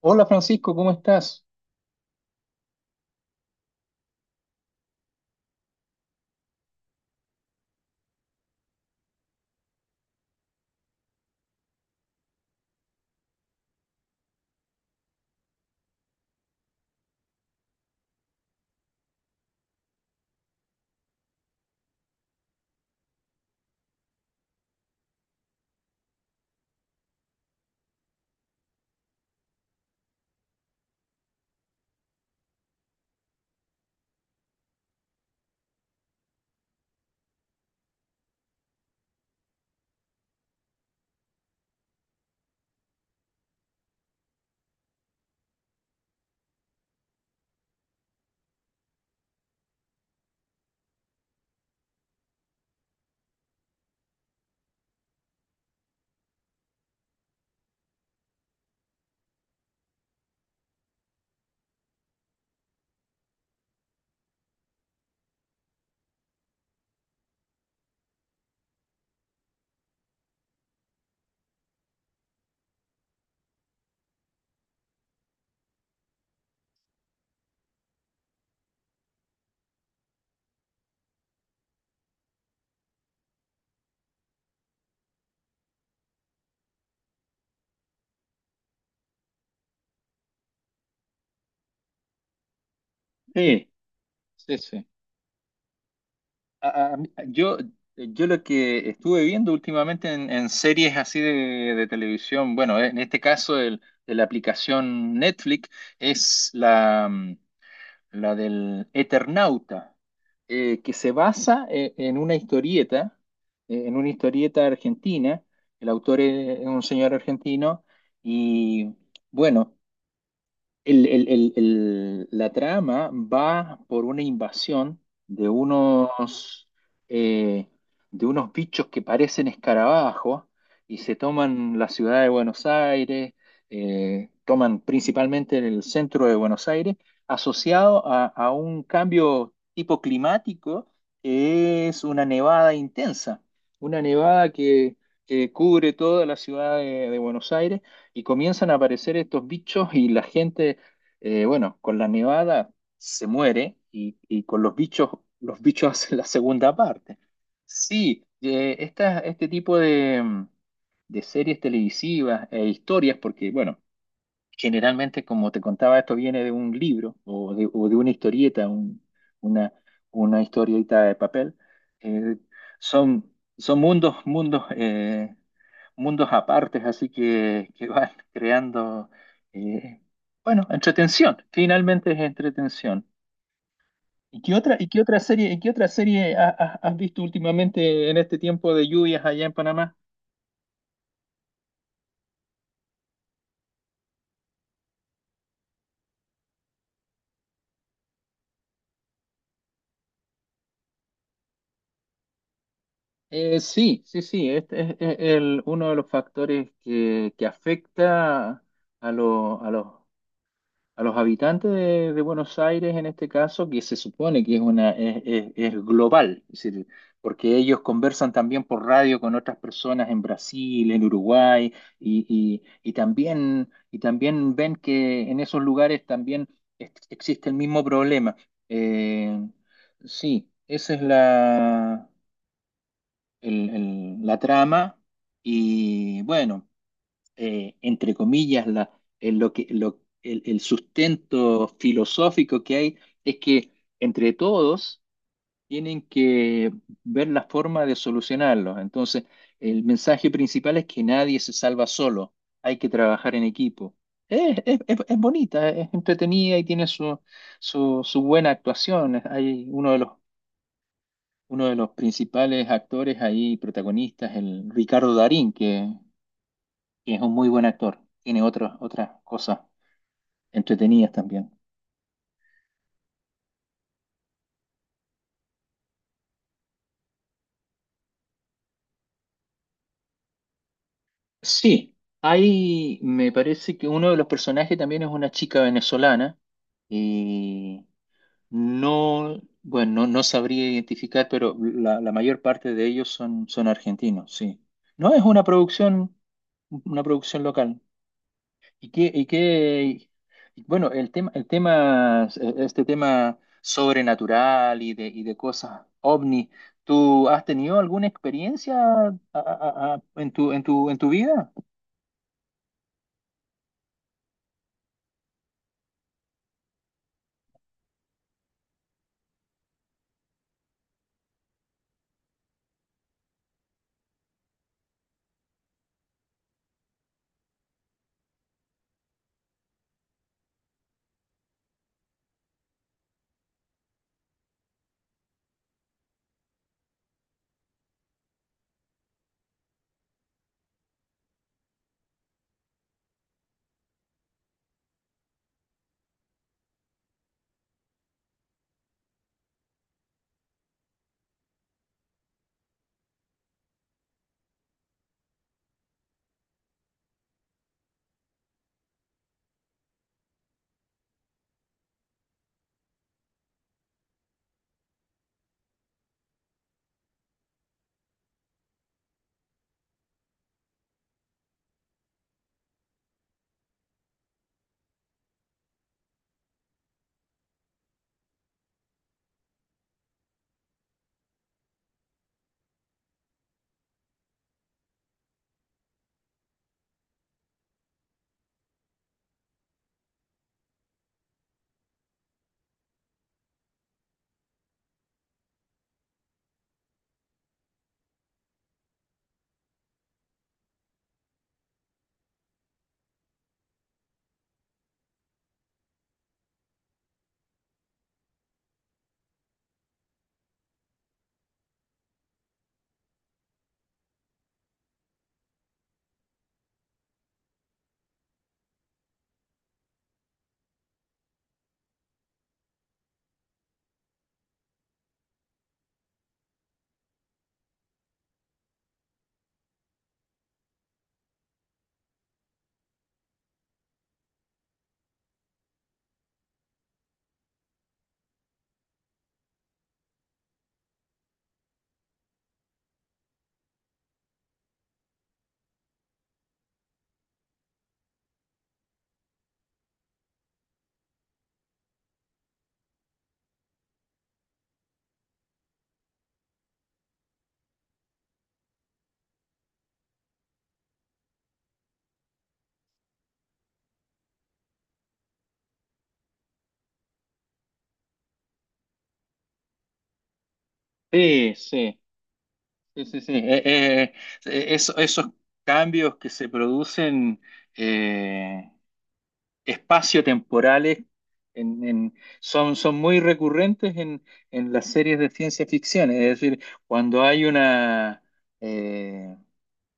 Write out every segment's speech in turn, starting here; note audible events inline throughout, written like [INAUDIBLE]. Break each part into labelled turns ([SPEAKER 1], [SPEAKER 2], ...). [SPEAKER 1] Hola Francisco, ¿cómo estás? Sí, sí, sí. A- a- yo, yo lo que estuve viendo últimamente en series así de televisión, bueno, en este caso de la aplicación Netflix es la del Eternauta, que se basa en una historieta argentina, el autor es un señor argentino y bueno. La trama va por una invasión de unos, eh, de unos bichos que parecen escarabajos y se toman la ciudad de Buenos Aires, toman principalmente en el centro de Buenos Aires, asociado a un cambio tipo climático que es una nevada intensa, una nevada que cubre toda la ciudad de Buenos Aires y comienzan a aparecer estos bichos y la gente, bueno, con la nevada se muere y con los bichos [LAUGHS] hacen la segunda parte. Sí, este tipo de series televisivas e historias, porque, bueno, generalmente, como te contaba, esto viene de un libro o o de una historieta, una, una historieta de papel. Eh, Son, son mundos, mundos apartes, así que van [LAUGHS] creando, eh, bueno, entretención. Finalmente es entretención. Y qué otra serie, y qué otra serie has visto últimamente en este tiempo de lluvias allá en Panamá? Sí, sí, sí, este es el, uno de los factores que afecta a, lo- a los, a los habitantes de Buenos Aires en este caso, que se supone que es, una, es, es global, es decir, porque ellos conversan también por radio con otras personas en Brasil, en Uruguay, y, y- y también ven que en esos lugares también existe el mismo problema. Eh, sí, esa es la la trama y bueno, entre comillas, la, lo que, lo- el sustento filosófico que hay es que entre todos tienen que ver la forma de solucionarlo. Entonces, el mensaje principal es que nadie se salva solo, hay que trabajar en equipo. Es, es bonita, es entretenida y tiene su buena actuación. Hay uno de los principales actores ahí, protagonistas, el Ricardo Darín, que es un muy buen actor. Tiene otras cosas entretenidas también. Sí, hay, me parece que uno de los personajes también es una chica venezolana. eh, no, bueno, no, no sabría identificar, pero la mayor parte de ellos son, son argentinos, sí. No es una producción local. Y qué, y qué, y bueno, el tema, este tema sobrenatural y de cosas ovni, ¿tú has tenido alguna experiencia en en tu vida? Sí, sí, sí, sí, sí. Esos cambios que se producen eh, espaciotemporales en- en- son, son muy recurrentes en las series de ciencia ficción. Es decir, cuando hay una, eh,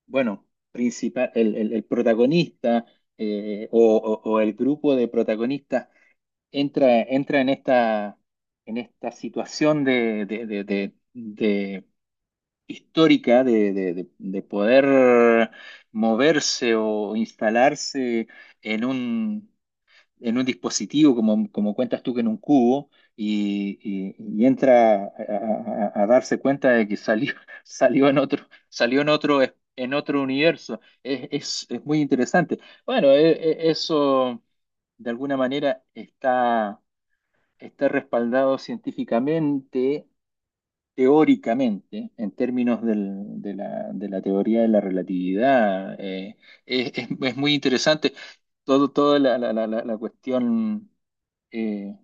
[SPEAKER 1] bueno, principal, el protagonista o el grupo de protagonistas entra, entra en esta situación histórica de poder moverse o instalarse en un en un dispositivo, como, como cuentas tú que en un cubo, y entra a darse cuenta de que salió, [LAUGHS] salió en otro, en otro universo. Es, es muy interesante. Bueno, eso de alguna manera está, está respaldado científicamente, teóricamente, en términos de la teoría de la relatividad. Es, es muy interesante todo, toda la cuestión eh,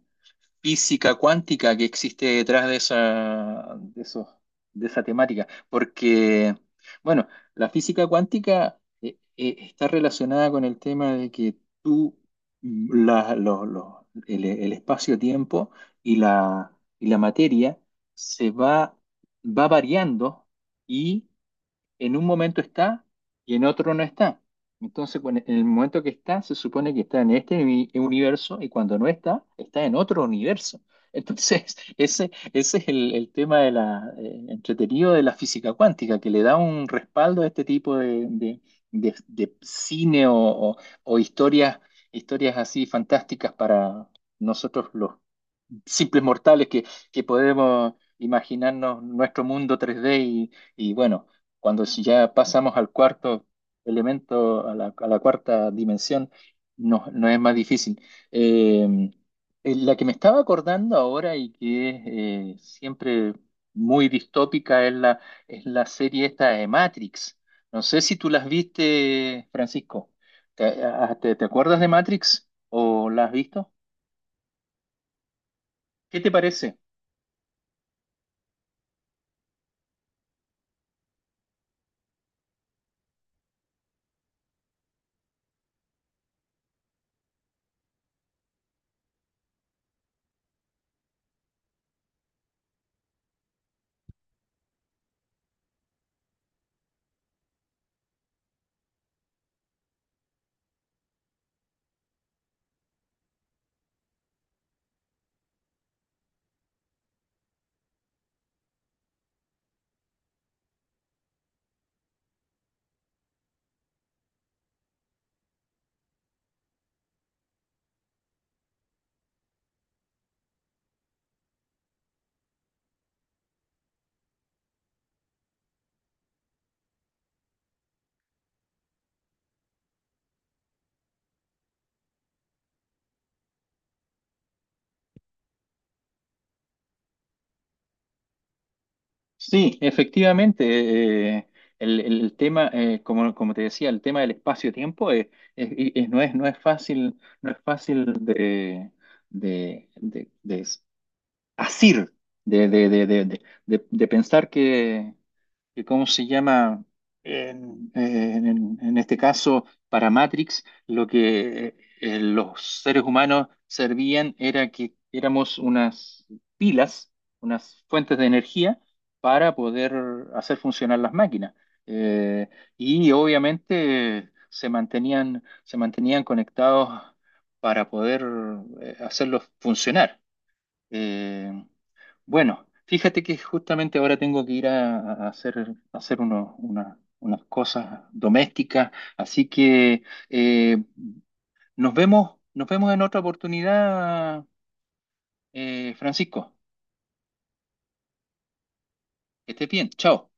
[SPEAKER 1] física cuántica que existe detrás de esa, de esa temática. Porque, bueno, la física cuántica está relacionada con el tema de que tú, el espacio-tiempo y la, y la materia se va, va variando en un momento está y en otro no está. Entonces, en el momento que está, se supone que está en este universo y cuando no está, está en otro universo. Entonces, [LAUGHS] ese es el tema de la, entretenido de la física cuántica, que le da un respaldo a este tipo de cine o historias, historias así fantásticas para nosotros los simples mortales que podemos imaginarnos nuestro mundo 3D y bueno, cuando si ya pasamos al cuarto elemento, a la cuarta dimensión, no, no es más difícil. Eh, la que me estaba acordando ahora y que es siempre muy distópica es es la serie esta de Matrix. No sé si tú las viste, Francisco. Te acuerdas de Matrix o la has visto? ¿Qué te parece? Sí, efectivamente. eh, el tema, como, como te decía, el tema del espacio-tiempo y no es, no es fácil, no es fácil de asir, de, de, de, de, de, de pensar que ¿cómo se llama? En este caso, para Matrix, lo que los seres humanos servían era que éramos unas pilas, unas fuentes de energía para poder hacer funcionar las máquinas. Eh, y obviamente se mantenían conectados para poder hacerlos funcionar. Eh, bueno, fíjate que justamente ahora tengo que ir a hacer unas cosas domésticas, así que eh, nos vemos en otra oportunidad, Francisco. Que estés bien, chao.